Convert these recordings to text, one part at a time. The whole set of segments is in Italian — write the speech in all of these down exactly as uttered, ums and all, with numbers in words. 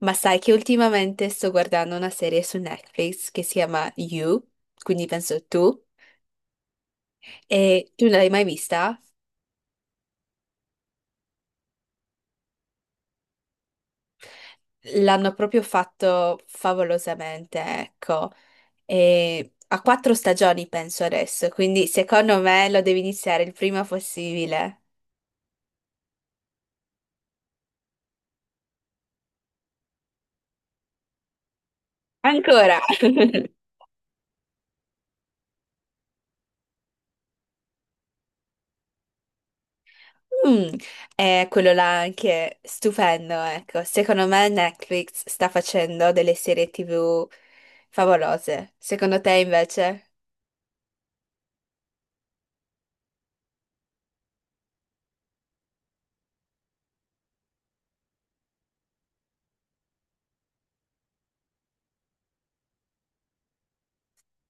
Ma sai che ultimamente sto guardando una serie su Netflix che si chiama You, quindi penso tu, e tu non l'hai mai vista? L'hanno proprio fatto favolosamente, ecco, e ha quattro stagioni penso adesso, quindi secondo me lo devi iniziare il prima possibile. Ancora! Mm, è quello là anche stupendo, ecco. Secondo me Netflix sta facendo delle serie T V favolose. Secondo te invece?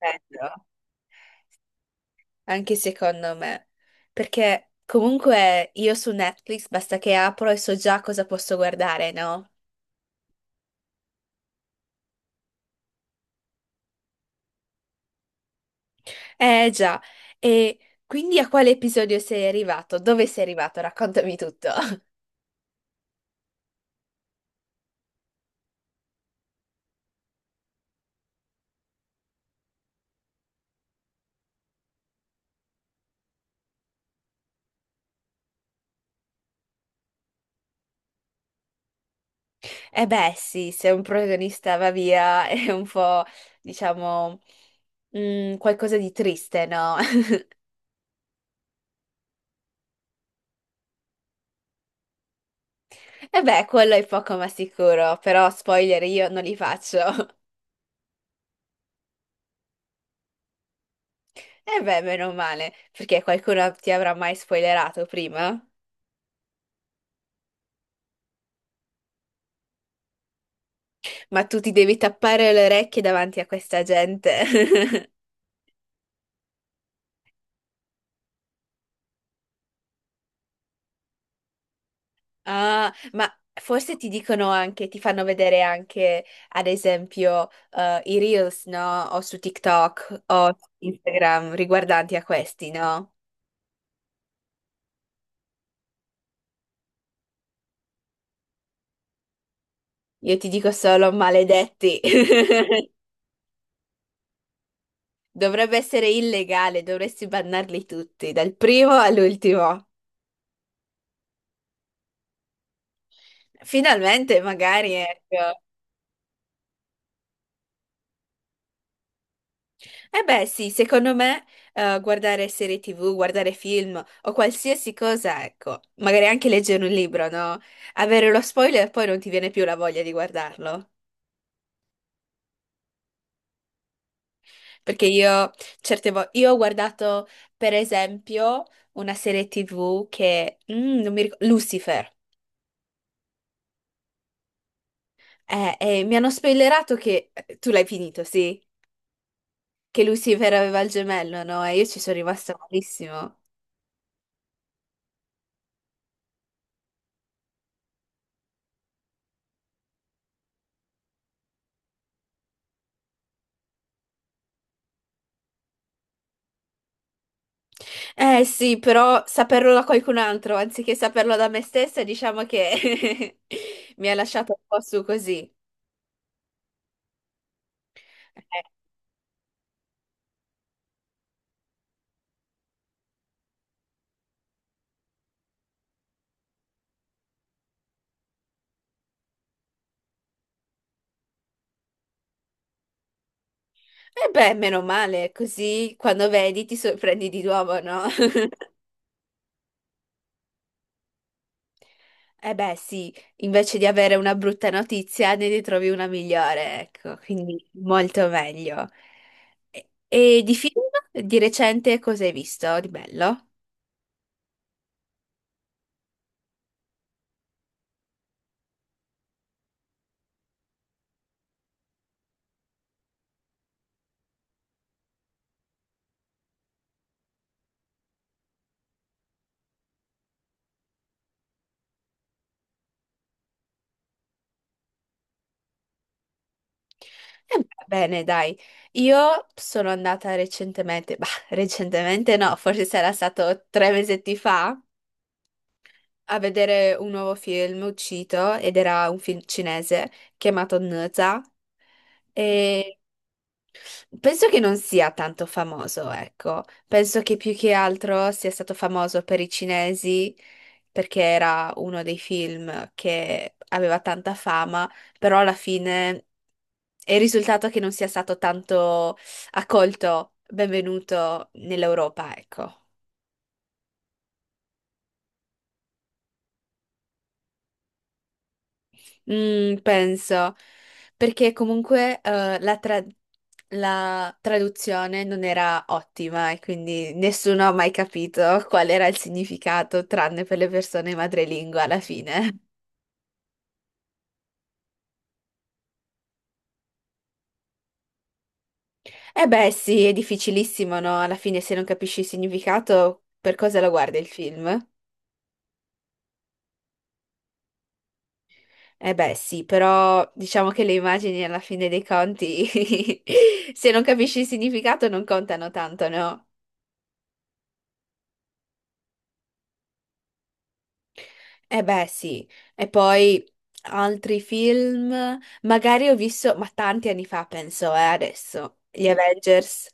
Bello, anche secondo me, perché comunque io su Netflix basta che apro e so già cosa posso guardare, no? Eh già, e quindi a quale episodio sei arrivato? Dove sei arrivato? Raccontami tutto. Eh beh, sì, se un protagonista va via è un po', diciamo, mm, qualcosa di triste, no? Eh beh, quello è poco ma sicuro, però spoiler io non li faccio. Eh beh, meno male, perché qualcuno ti avrà mai spoilerato prima? Ma tu ti devi tappare le orecchie davanti a questa gente. Ah, ma forse ti dicono anche, ti fanno vedere anche, ad esempio, eh, i reels, no? O su TikTok o su Instagram riguardanti a questi, no? Io ti dico solo maledetti. Dovrebbe essere illegale, dovresti bannarli tutti, dal primo all'ultimo. Finalmente, magari, ecco. Eh beh, sì, secondo me eh, guardare serie T V, guardare film o qualsiasi cosa, ecco, magari anche leggere un libro, no? Avere lo spoiler e poi non ti viene più la voglia di guardarlo. Perché io certe volte io ho guardato, per esempio, una serie T V che mm, non mi ricordo, Lucifer. Eh, e mi hanno spoilerato che eh, tu l'hai finito, sì, che Lucifer aveva il gemello, no? E io ci sono rimasta malissimo. Eh sì, però saperlo da qualcun altro anziché saperlo da me stessa, diciamo che mi ha lasciato un po' su così. Eh, eh beh, meno male, così quando vedi ti sorprendi di nuovo, no? Eh beh, sì, invece di avere una brutta notizia ne ritrovi una migliore, ecco, quindi molto meglio. E, e di film di recente cosa hai visto di bello? Eh, Bene, dai, io sono andata recentemente, bah, recentemente no, forse sarà stato tre mesetti fa, a vedere un nuovo film uscito ed era un film cinese chiamato Nza. Penso che non sia tanto famoso, ecco. Penso che più che altro sia stato famoso per i cinesi perché era uno dei film che aveva tanta fama, però alla fine è il risultato che non sia stato tanto accolto, benvenuto nell'Europa, ecco. Mm, penso, perché comunque eh, la, tra- la traduzione non era ottima e quindi nessuno ha mai capito qual era il significato, tranne per le persone madrelingua alla fine. E beh, sì, è difficilissimo, no? Alla fine, se non capisci il significato, per cosa lo guardi il film? Eh beh, sì, però diciamo che le immagini alla fine dei conti, se non capisci il significato, non contano tanto, no? Eh beh, sì. E poi altri film, magari ho visto, ma tanti anni fa penso, eh, adesso, gli Avengers.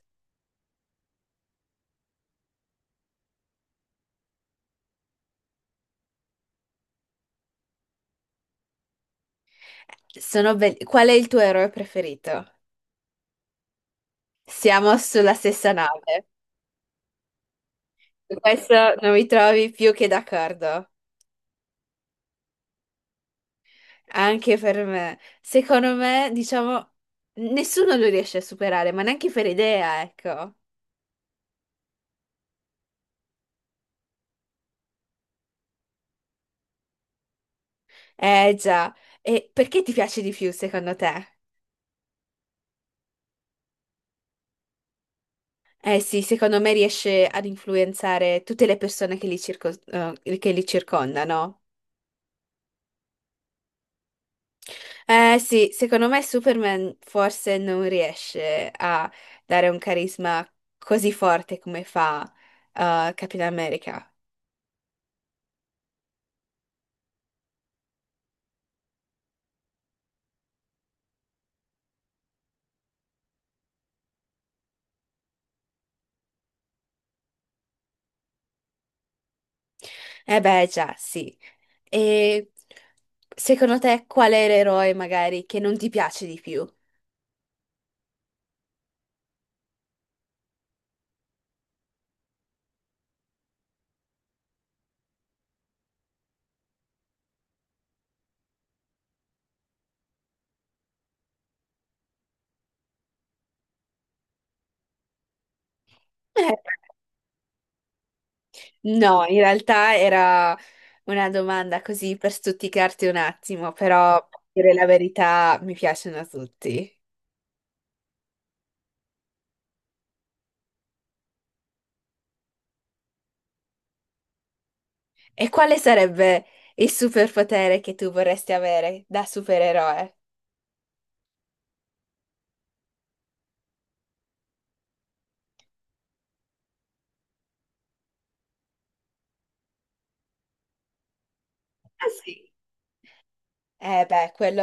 Sono belli. Qual è il tuo eroe preferito? Siamo sulla stessa nave. Su questo non mi trovi più che d'accordo. Anche per me. Secondo me, diciamo, nessuno lo riesce a superare, ma neanche per idea, ecco. Eh già. E perché ti piace di più, secondo te? Eh sì, secondo me riesce ad influenzare tutte le persone che li, circo- eh, che li circondano. Eh sì, secondo me Superman forse non riesce a dare un carisma così forte come fa eh, Capitan America. Eh beh, già, sì. E secondo te qual è l'eroe magari che non ti piace di più? Eh, No, in realtà era una domanda così per stuzzicarti un attimo, però per dire la verità mi piacciono tutti. E quale sarebbe il superpotere che tu vorresti avere da supereroe? Ah sì. Eh beh, quello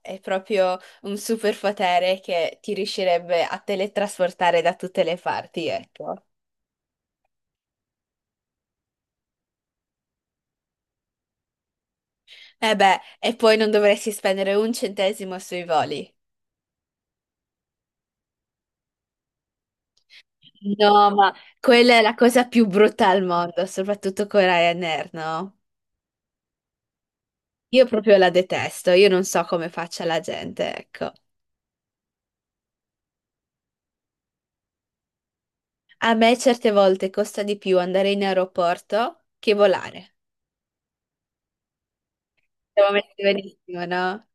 è proprio un superpotere che ti riuscirebbe a teletrasportare da tutte le parti, ecco. Eh beh, e poi non dovresti spendere un centesimo sui voli. No, ma quella è la cosa più brutta al mondo, soprattutto con Ryanair, no? Io proprio la detesto, io non so come faccia la gente, ecco. A me certe volte costa di più andare in aeroporto che volare. Siamo messi benissimo, no?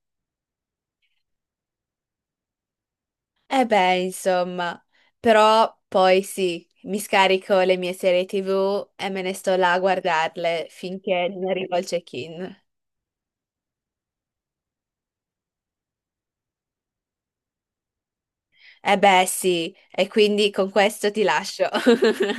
Eh beh, insomma, però poi sì, mi scarico le mie serie T V e me ne sto là a guardarle finché non arrivo al check-in. Eh beh, sì, e quindi con questo ti lascio.